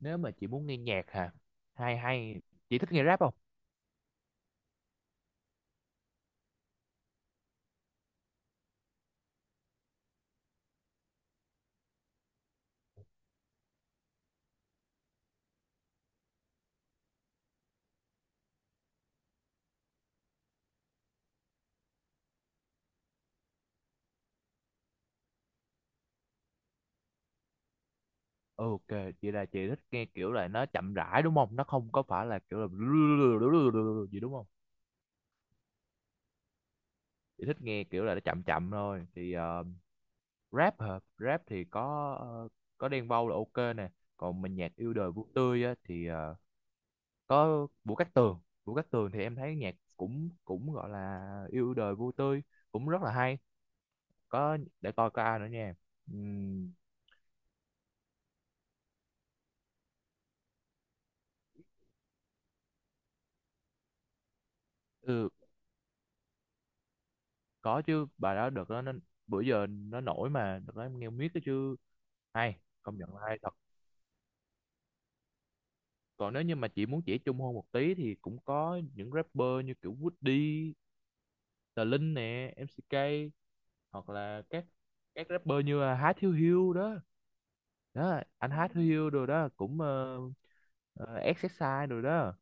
Nếu mà chị muốn nghe nhạc hả, hay hay chị thích nghe rap không? Ok, chị là chị thích nghe kiểu là nó chậm rãi đúng không, nó không có phải là kiểu là gì đúng không? Chị thích nghe kiểu là nó chậm chậm thôi thì rap hả? Rap thì có có Đen Vâu là ok nè. Còn mình nhạc yêu đời vui tươi á, thì có Vũ Cát Tường. Vũ Cát Tường thì em thấy nhạc cũng cũng gọi là yêu đời vui tươi, cũng rất là hay. Có để coi có ai nữa nha. Ừm, ừ, có chứ, bài đó được đó, nó bữa giờ nó nổi mà, được đó, em nghe miết cái chứ. Hay, công nhận là hay thật. Còn nếu như mà chị muốn chỉ chung hơn một tí thì cũng có những rapper như kiểu Woody, Tờ Linh nè, MCK, hoặc là các rapper như là Há Thiếu Hiếu đó, đó anh Há Thiếu Hiếu rồi đó, cũng exercise rồi đó,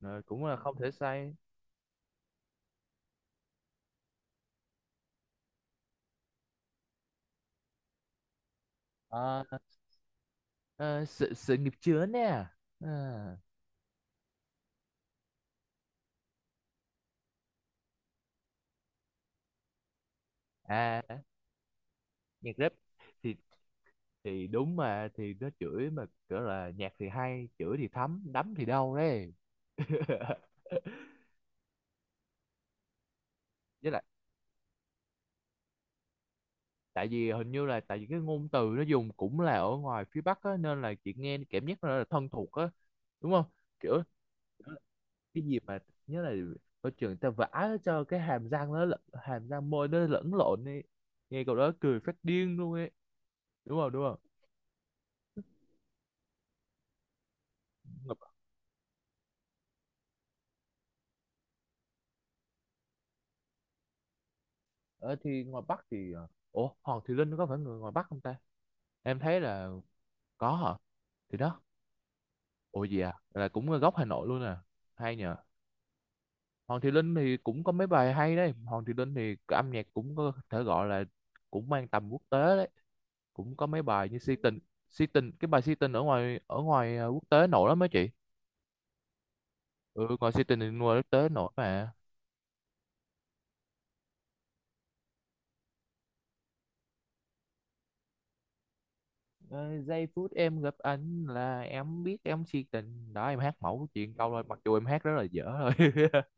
rồi cũng là không thể sai. Ờ, ờ, sự sự nghiệp chướng nè. Ờ, à nhạc rap thì đúng mà, thì nó chửi mà, kiểu là nhạc thì hay, chửi thì thấm đấm thì đau đấy. Với lại tại vì hình như là tại vì cái ngôn từ nó dùng cũng là ở ngoài phía Bắc á, nên là chị nghe cảm giác nó là thân thuộc á, đúng không? Kiểu cái gì mà, nhớ là ở trường người ta vả cho cái hàm răng nó hàm răng môi nó lẫn lộn đi, nghe cậu đó cười phát điên luôn ấy, đúng không đúng không? Ở thì ngoài Bắc thì ủa Hoàng Thùy Linh có phải người ngoài Bắc không ta, em thấy là có hả? Thì đó. Ủa gì à? Là cũng gốc Hà Nội luôn à. Hay nhờ. Hoàng Thùy Linh thì cũng có mấy bài hay đấy. Hoàng Thùy Linh thì âm nhạc cũng có thể gọi là cũng mang tầm quốc tế đấy. Cũng có mấy bài như Si Tình, Si Tình, cái bài Si Tình ở quốc tế nổi lắm mấy chị. Ừ, ngoài Si Tình thì ngoài quốc tế nổi mà. Ờ, giây phút em gặp anh là em biết em si tình đó, em hát mẫu chuyện câu thôi, mặc dù em hát rất là dở thôi.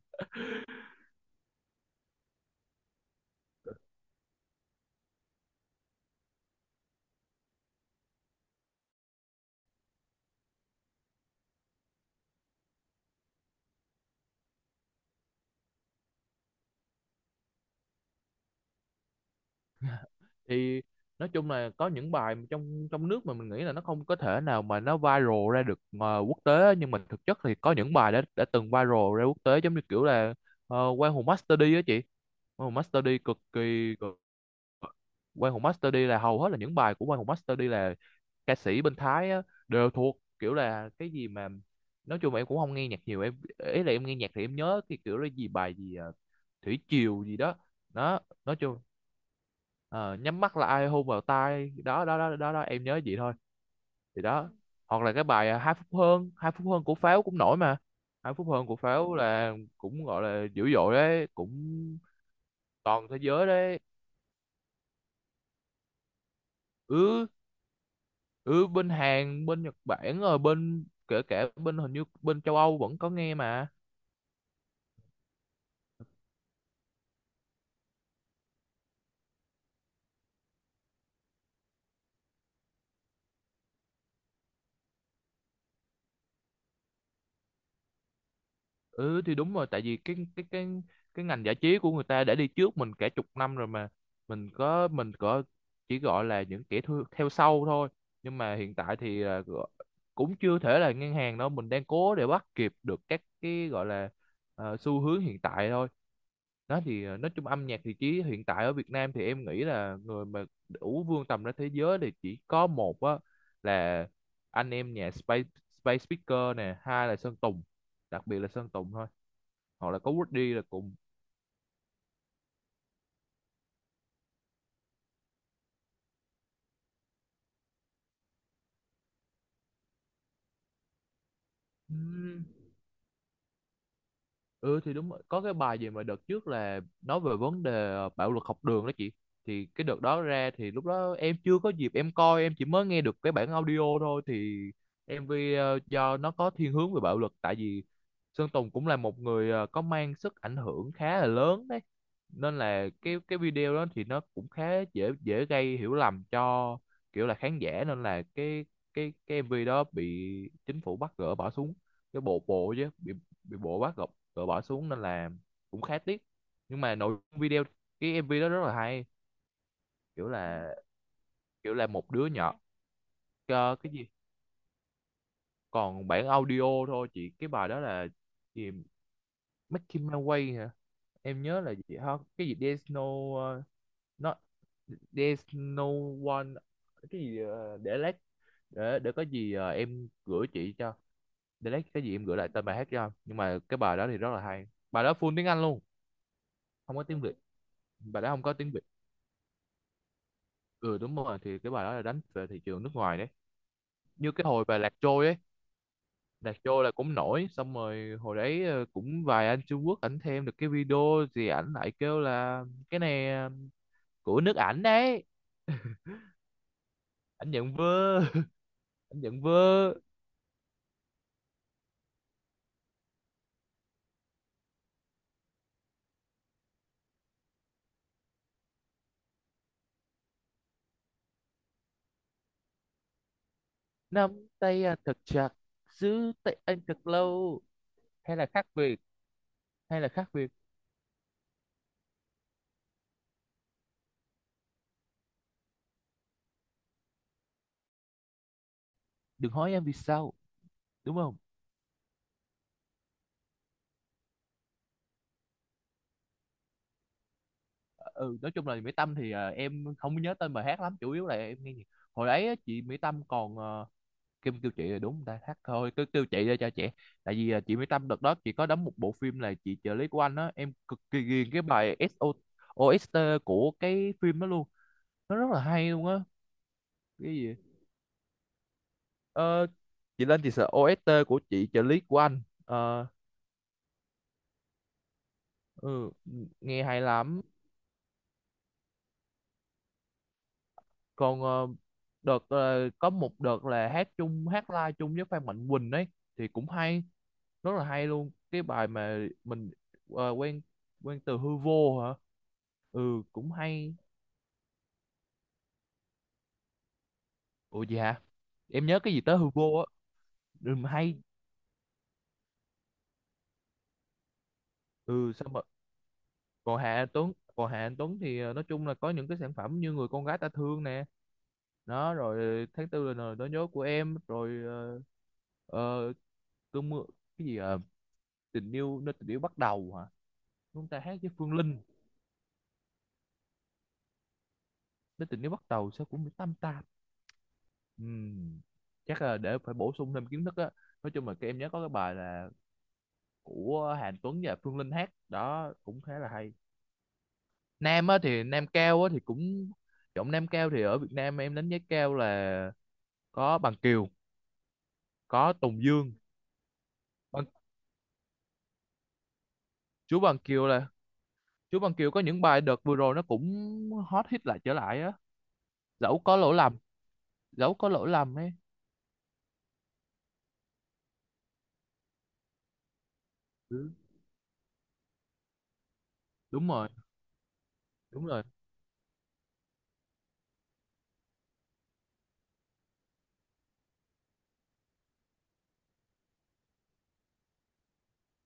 Thì nói chung là có những bài mà trong trong nước mà mình nghĩ là nó không có thể nào mà nó viral ra được quốc tế, nhưng mà thực chất thì có những bài đã từng viral ra quốc tế, giống như kiểu là Quang Hùng Master D á chị. Quang Hùng Master D cực kỳ Quang Hùng Master D là hầu hết là những bài của Quang Hùng Master D là ca sĩ bên Thái á, đều thuộc kiểu là cái gì mà, nói chung là em cũng không nghe nhạc nhiều em, ý là em nghe nhạc thì em nhớ cái kiểu là gì, bài gì thủy triều gì đó đó. Nói chung ờ, nhắm mắt là ai hôn vào tai đó đó đó đó đó, em nhớ vậy thôi. Thì đó, hoặc là cái bài hai phút hơn, hai phút hơn của Pháo cũng nổi mà. Hai phút hơn của Pháo là cũng gọi là dữ dội đấy, cũng toàn thế giới đấy. Ừ, ừ bên Hàn bên Nhật Bản rồi bên kể cả bên hình như bên châu Âu vẫn có nghe mà. Ừ thì đúng rồi, tại vì cái ngành giải trí của người ta đã đi trước mình cả chục năm rồi mà, mình có chỉ gọi là những kẻ thu, theo sau thôi. Nhưng mà hiện tại thì cũng chưa thể là ngang hàng đâu, mình đang cố để bắt kịp được các cái gọi là xu hướng hiện tại thôi. Đó thì nói chung âm nhạc thì chỉ hiện tại ở Việt Nam thì em nghĩ là người mà đủ vươn tầm ra thế giới thì chỉ có một á, là anh em nhà Space, Space Speaker nè, hai là Sơn Tùng, đặc biệt là Sơn Tùng thôi, hoặc là có Woody là cùng. Ừ. Ừ thì đúng rồi. Có cái bài gì mà đợt trước là nói về vấn đề bạo lực học đường đó chị. Thì cái đợt đó ra thì lúc đó em chưa có dịp em coi, em chỉ mới nghe được cái bản audio thôi thì MV do nó có thiên hướng về bạo lực, tại vì Sơn Tùng cũng là một người có mang sức ảnh hưởng khá là lớn đấy. Nên là cái video đó thì nó cũng khá dễ dễ gây hiểu lầm cho kiểu là khán giả, nên là cái em MV đó bị chính phủ bắt gỡ bỏ xuống, cái bộ bộ chứ bị bộ bắt gỡ bỏ xuống, nên là cũng khá tiếc. Nhưng mà nội dung video, cái MV đó rất là hay, kiểu là kiểu là một đứa nhỏ. Ờ, cái gì, còn bản audio thôi chị. Cái bài đó là gì, Make My Way hả? Em nhớ là gì hả, cái gì, There's no uh, not, There's no one, cái gì để lát, để có gì em gửi chị cho, để lát cái gì em gửi lại tên bài hát cho. Nhưng mà cái bài đó thì rất là hay, bài đó full tiếng Anh luôn, không có tiếng Việt, bài đó không có tiếng Việt. Ừ đúng rồi, thì cái bài đó là đánh về thị trường nước ngoài đấy, như cái hồi bài Lạc Trôi ấy. Lạc Trôi là cũng nổi, xong rồi hồi đấy cũng vài anh Trung Quốc ảnh thêm được cái video gì, ảnh lại kêu là cái này của nước ảnh đấy, ảnh nhận vơ. Ảnh nhận vơ nắm tay anh thật chặt, giữ tay anh thật lâu, hay là khác biệt, hay là khác biệt, đừng hỏi em vì sao đúng không. Ừ nói chung là Mỹ Tâm thì em không nhớ tên bài hát lắm, chủ yếu là em nghe nhạc hồi đấy á, chị Mỹ Tâm còn kim kêu chị là đúng người ta thắt thôi cứ kêu chị ra cho chị, tại vì chị Mỹ Tâm đợt đó chị có đóng một bộ phim là chị trợ lý của anh á, em cực kỳ ghiền cái bài SO OST của cái phim đó luôn, nó rất là hay luôn á. Cái gì ờ, chị lên chị sợ OST của chị trợ lý của anh. Ờ, ừ, nghe hay lắm. Còn có một đợt là hát chung, hát live chung với Phan Mạnh Quỳnh ấy thì cũng hay, rất là hay luôn, cái bài mà mình ờ, quen quen từ hư vô hả. Ừ cũng hay. Ủa dạ, em nhớ cái gì tới hư vô á. Ừ, mà hay. Ừ sao mà. Còn Hạ Anh Tuấn thì nói chung là có những cái sản phẩm như người con gái ta thương nè. Đó rồi tháng tư là lời nói nhớ của em, rồi ờ, cơn mưa, cái gì tình yêu, nơi tình yêu bắt đầu hả, chúng ta hát với Phương Linh. Nơi tình yêu bắt đầu sao cũng tam ta. Ừm, chắc là để phải bổ sung thêm kiến thức á, nói chung là cái em nhớ có cái bài là của Hàn Tuấn và Phương Linh hát đó cũng khá là hay. Nam á thì Nam Cao á thì cũng, giọng Nam Cao thì ở Việt Nam em đánh giá cao là có Bằng Kiều, có Tùng Dương. Bằng, chú Bằng Kiều là, chú Bằng Kiều có những bài đợt vừa rồi nó cũng hot hit lại trở lại á, dẫu có lỗi lầm, dẫu có lỗi lầm ấy. Ừ, đúng rồi đúng rồi.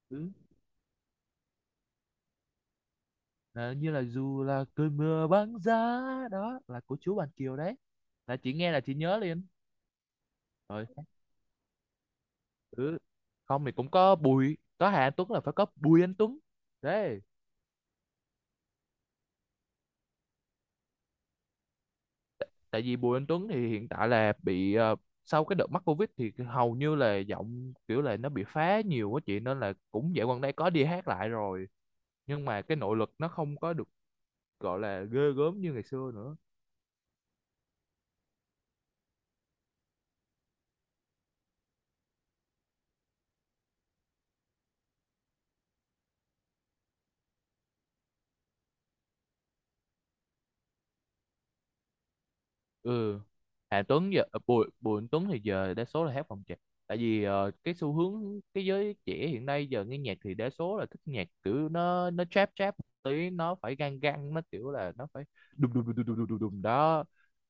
Ừ. Ờ, như là dù là cơn mưa băng giá, đó là của chú Bàn Kiều đấy, là chị nghe là chị nhớ liền. Rồi ừ. Không thì cũng có Bùi có Hà Anh Tuấn là phải có Bùi Anh Tuấn đấy. Tại vì Bùi Anh Tuấn thì hiện tại là bị sau cái đợt mắc Covid thì hầu như là giọng kiểu là nó bị phá nhiều quá chị, nên là cũng dạo gần đây có đi hát lại rồi, nhưng mà cái nội lực nó không có được gọi là ghê gớm như ngày xưa nữa. Ừ Hà Tuấn giờ ờ, Bùi Bùi Anh Tuấn thì giờ đa số là hát phòng trà, tại vì cái xu hướng cái giới trẻ hiện nay giờ nghe nhạc thì đa số là thích nhạc kiểu nó trap trap một tí, nó phải gan gan nó kiểu là nó phải đùng đùng đùng đùng đùng đùng đùng đó,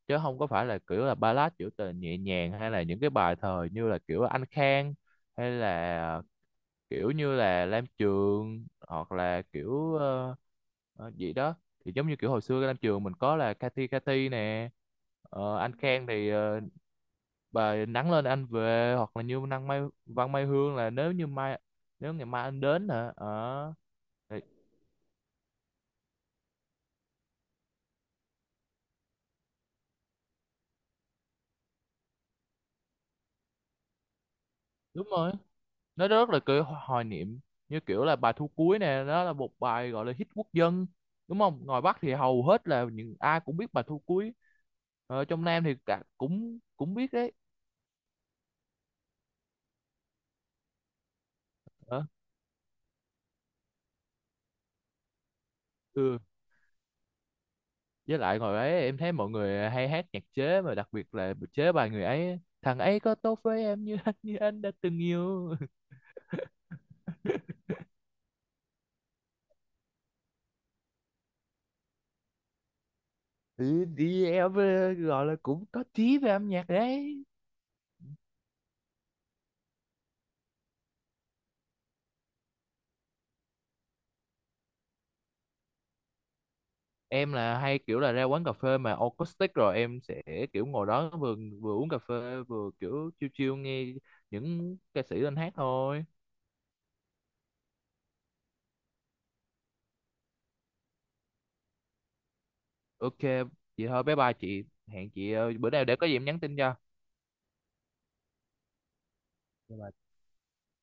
chứ không có phải là kiểu là ballad kiểu tờ nhẹ nhàng, hay là những cái bài thời như là kiểu Anh Khang, hay là kiểu như là lam trường, hoặc là kiểu gì đó, thì giống như kiểu hồi xưa lam trường mình có là Cathy Cathy nè. Ờ, anh Khang thì bà nắng lên anh về, hoặc là như năng Mai Văn Mai Hương là nếu như mai, nếu ngày mai anh đến hả ờ thì- đúng rồi, nó rất là kiểu hoài niệm, như kiểu là bài Thu Cuối nè, đó là một bài gọi là hit quốc dân đúng không, ngoài Bắc thì hầu hết là những ai cũng biết bài Thu Cuối, trong Nam thì cả cũng cũng biết đấy. Ờ. Ừ. Với lại hồi ấy em thấy mọi người hay hát nhạc chế, mà đặc biệt là chế bài người ấy thằng ấy có tốt với em như anh như anh đã từng yêu. Ừ, thì em gọi là cũng có tí về âm nhạc đấy. Em là hay kiểu là ra quán cà phê mà acoustic rồi em sẽ kiểu ngồi đó vừa, vừa uống cà phê, vừa kiểu chill chill nghe những ca sĩ lên hát thôi. Ok, vậy thôi bye bye chị, hẹn chị bữa nào để có gì em nhắn tin cho.